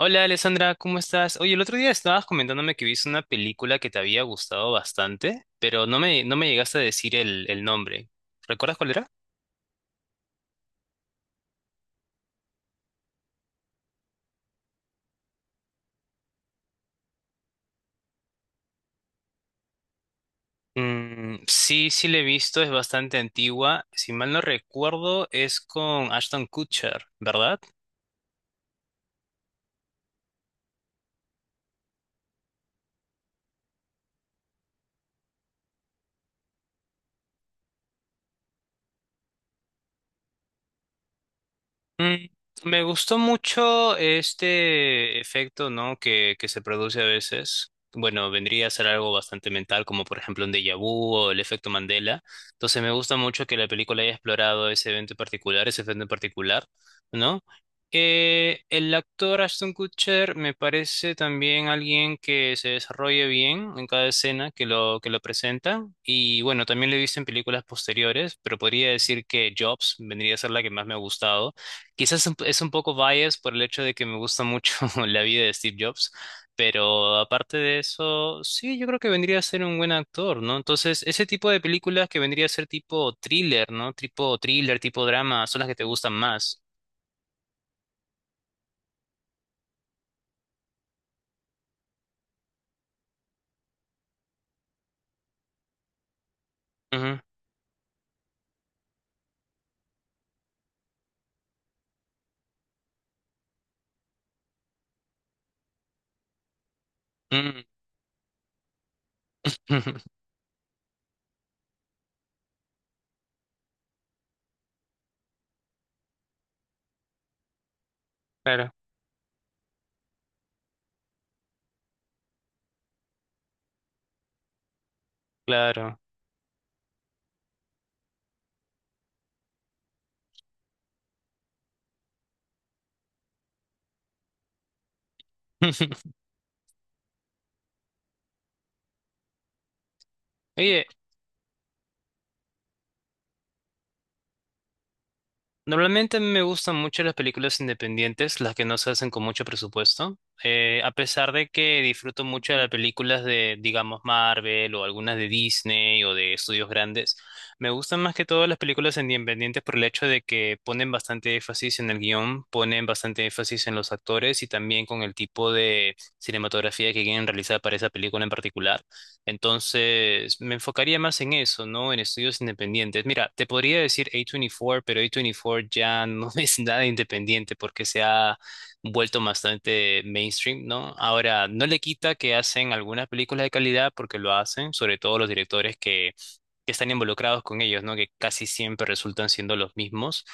Hola Alessandra, ¿cómo estás? Oye, el otro día estabas comentándome que viste una película que te había gustado bastante, pero no me llegaste a decir el nombre. ¿Recuerdas cuál era? Mm, sí, sí la he visto, es bastante antigua. Si mal no recuerdo, es con Ashton Kutcher, ¿verdad? Mm, Me gustó mucho este efecto, ¿no? Que se produce a veces. Bueno, vendría a ser algo bastante mental, como por ejemplo un déjà vu o el efecto Mandela. Entonces me gusta mucho que la película haya explorado ese evento en particular, ese efecto en particular, ¿no? El actor Ashton Kutcher me parece también alguien que se desarrolla bien en cada escena que lo presenta. Y bueno, también lo he visto en películas posteriores, pero podría decir que Jobs vendría a ser la que más me ha gustado. Quizás es un poco bias por el hecho de que me gusta mucho la vida de Steve Jobs, pero aparte de eso, sí, yo creo que vendría a ser un buen actor, ¿no? Entonces, ese tipo de películas que vendría a ser tipo thriller, ¿no? Tipo thriller, tipo drama, son las que te gustan más. Ujú. Mm. Claro, claro. Oye, normalmente me gustan mucho las películas independientes, las que no se hacen con mucho presupuesto. A pesar de que disfruto mucho de las películas de, digamos, Marvel o algunas de Disney o de estudios grandes, me gustan más que todo las películas independientes por el hecho de que ponen bastante énfasis en el guión, ponen bastante énfasis en los actores y también con el tipo de cinematografía que quieren realizar para esa película en particular. Entonces, me enfocaría más en eso, ¿no? En estudios independientes. Mira, te podría decir A24, pero A24 ya no es nada independiente porque se ha vuelto bastante mainstream, ¿no? Ahora, no le quita que hacen algunas películas de calidad porque lo hacen, sobre todo los directores que están involucrados con ellos, ¿no? Que casi siempre resultan siendo los mismos.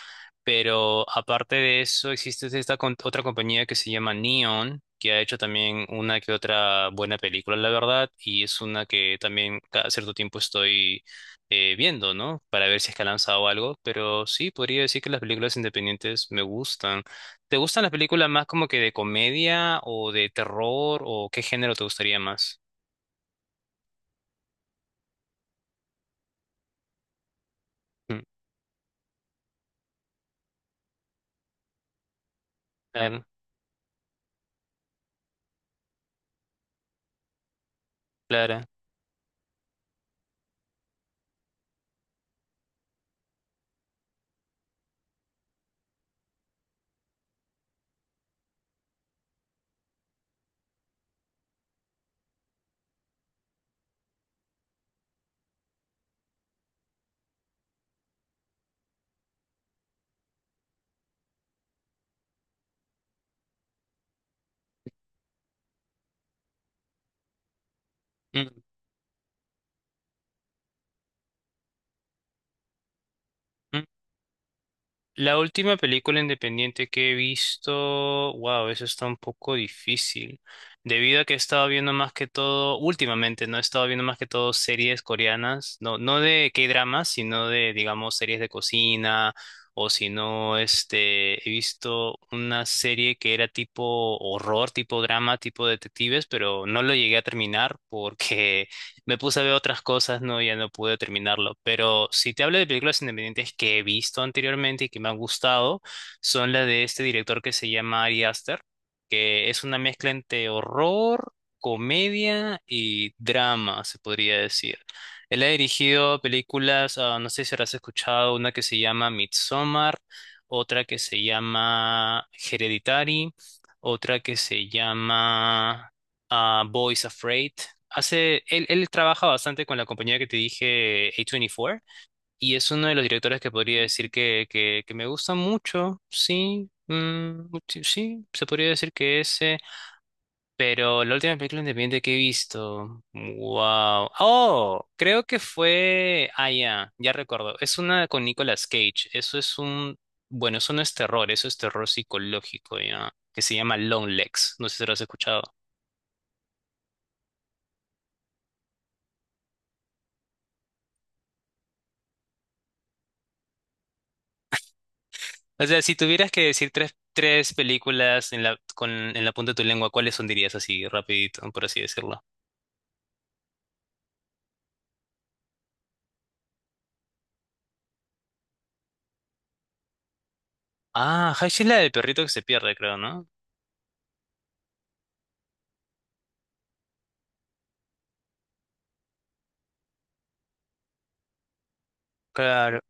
Pero aparte de eso, existe esta otra compañía que se llama Neon, que ha hecho también una que otra buena película, la verdad, y es una que también cada cierto tiempo estoy viendo, ¿no? Para ver si es que ha lanzado algo, pero sí, podría decir que las películas independientes me gustan. ¿Te gustan las películas más como que de comedia o de terror o qué género te gustaría más? Mm, claro, Clara. Mm, La última película independiente que he visto, wow, eso está un poco difícil, debido a que he estado viendo más que todo, últimamente, no he estado viendo más que todo series coreanas, no, no de K-dramas, sino de, digamos, series de cocina, o si no, este, he visto una serie que era tipo horror, tipo drama, tipo detectives, pero no lo llegué a terminar porque me puse a ver otras cosas, no, ya no pude terminarlo. Pero si te hablo de películas independientes que he visto anteriormente y que me han gustado, son las de este director que se llama Ari Aster, que es una mezcla entre horror, comedia y drama, se podría decir. Él ha dirigido películas, ah, no sé si habrás escuchado, una que se llama Midsommar, otra que se llama Hereditary, otra que se llama ah, Boys Afraid. Hace, él trabaja bastante con la compañía que te dije, A24, y es uno de los directores que podría decir que me gusta mucho, sí, sí, sí, se podría decir que ese, pero la última película independiente que he visto, wow, oh, creo que fue, ah, ya, ya recuerdo, es una con Nicolas Cage, eso es un, bueno, eso no es terror, eso es terror psicológico, ya, que se llama Long Legs, no sé si lo has escuchado. O sea, si tuvieras que decir tres películas en en la punta de tu lengua, ¿cuáles son dirías así, rapidito, por así decirlo? Ah, Hash es la del perrito que se pierde, creo, ¿no? Claro,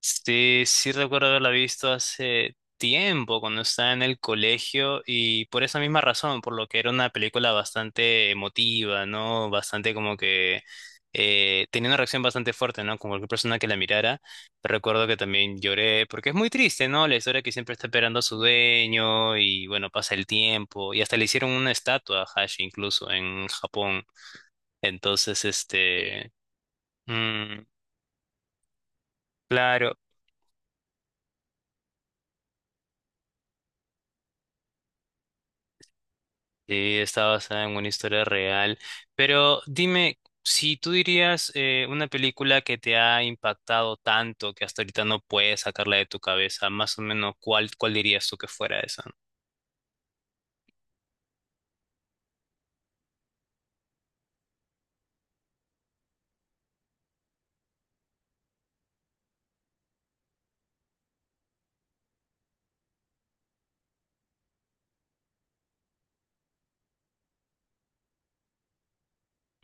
sí, sí recuerdo haberla visto hace tiempo cuando estaba en el colegio y por esa misma razón, por lo que era una película bastante emotiva, ¿no? Bastante como que tenía una reacción bastante fuerte, ¿no? Con cualquier persona que la mirara. Recuerdo que también lloré porque es muy triste, ¿no? La historia que siempre está esperando a su dueño y bueno, pasa el tiempo y hasta le hicieron una estatua a Hashi incluso en Japón. Entonces, este... mm, claro, sí, está basada en una historia real. Pero dime, si tú dirías una película que te ha impactado tanto que hasta ahorita no puedes sacarla de tu cabeza, más o menos, ¿cuál dirías tú que fuera esa?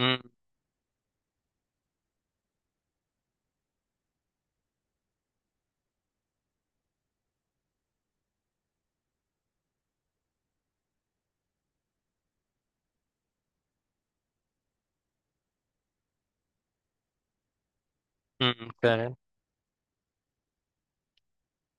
Mm, mm, claro.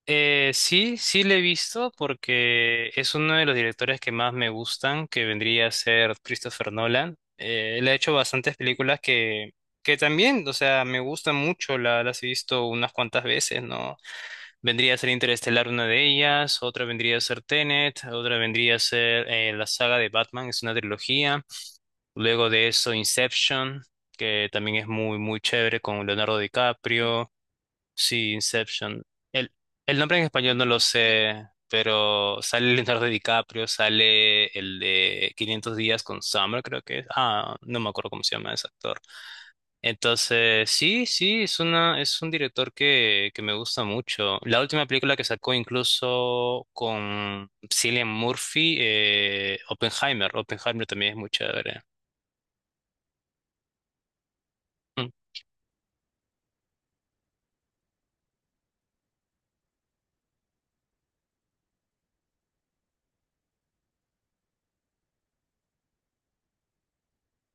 Sí, sí le he visto porque es uno de los directores que más me gustan, que vendría a ser Christopher Nolan. Él ha hecho bastantes películas que también, o sea, me gustan mucho, las he visto unas cuantas veces, ¿no? Vendría a ser Interestelar una de ellas, otra vendría a ser Tenet, otra vendría a ser la saga de Batman, es una trilogía. Luego de eso Inception, que también es muy, muy chévere con Leonardo DiCaprio. Sí, Inception. El, el nombre en español no lo sé, pero sale Leonardo DiCaprio, sale el de 500 días con Summer, creo que es. Ah, no me acuerdo cómo se llama ese actor. Entonces, sí, sí, es es un director que me gusta mucho. La última película que sacó incluso con Cillian Murphy, Oppenheimer. Oppenheimer también es muy chévere. Mm,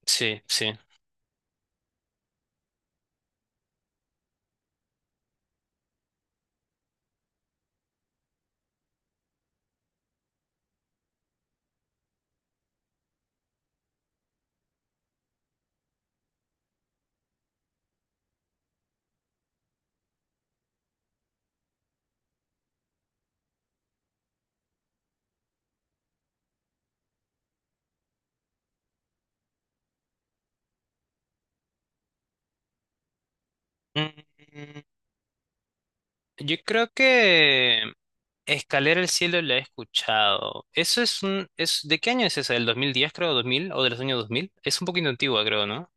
sí, sí. Mm, Yo creo que Escalera al Cielo la he escuchado. Eso es un... Es, ¿de qué año es esa? ¿Del 2010 creo? 2000, ¿o de los años 2000? Es un poquito antigua, creo, ¿no?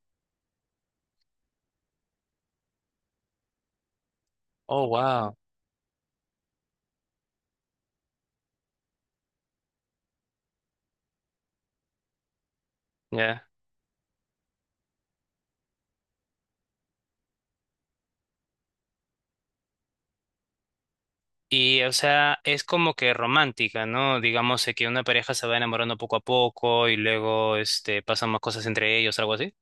Oh, wow. Ya. Y, o sea, es como que romántica, ¿no? Digamos que una pareja se va enamorando poco a poco y luego, este, pasan más cosas entre ellos, algo así.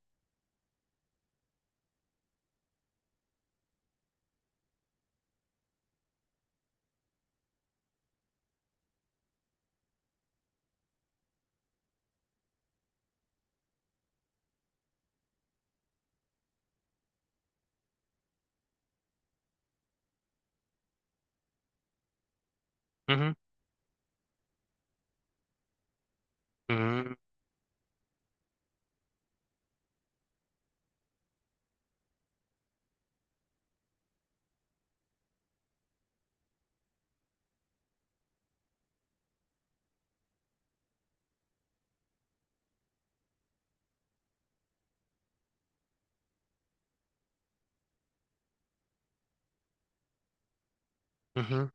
Ujú, ujú, ujú.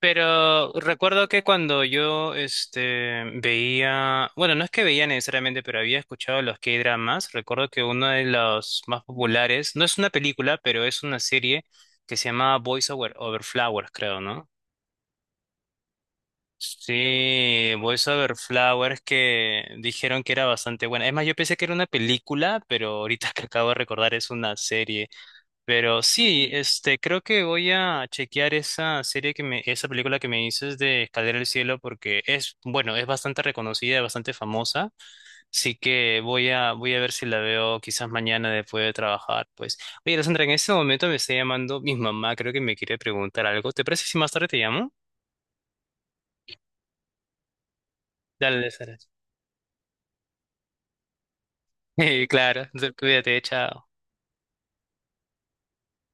Pero recuerdo que cuando yo este, veía, bueno, no es que veía necesariamente, pero había escuchado los K-dramas, recuerdo que uno de los más populares, no es una película, pero es una serie que se llama Boys Over, Flowers, creo, ¿no? Sí, Boys Over Flowers que dijeron que era bastante buena. Es más, yo pensé que era una película, pero ahorita que acabo de recordar es una serie. Pero sí, este, creo que voy a chequear esa película que me dices de Escalera al Cielo porque es, bueno, es bastante reconocida, bastante famosa. Así que voy a ver si la veo quizás mañana después de trabajar, pues. Oye, Alessandra, en este momento me está llamando mi mamá, creo que me quiere preguntar algo. ¿Te parece si más tarde te llamo? Dale, Sara. Claro, cuídate, chao.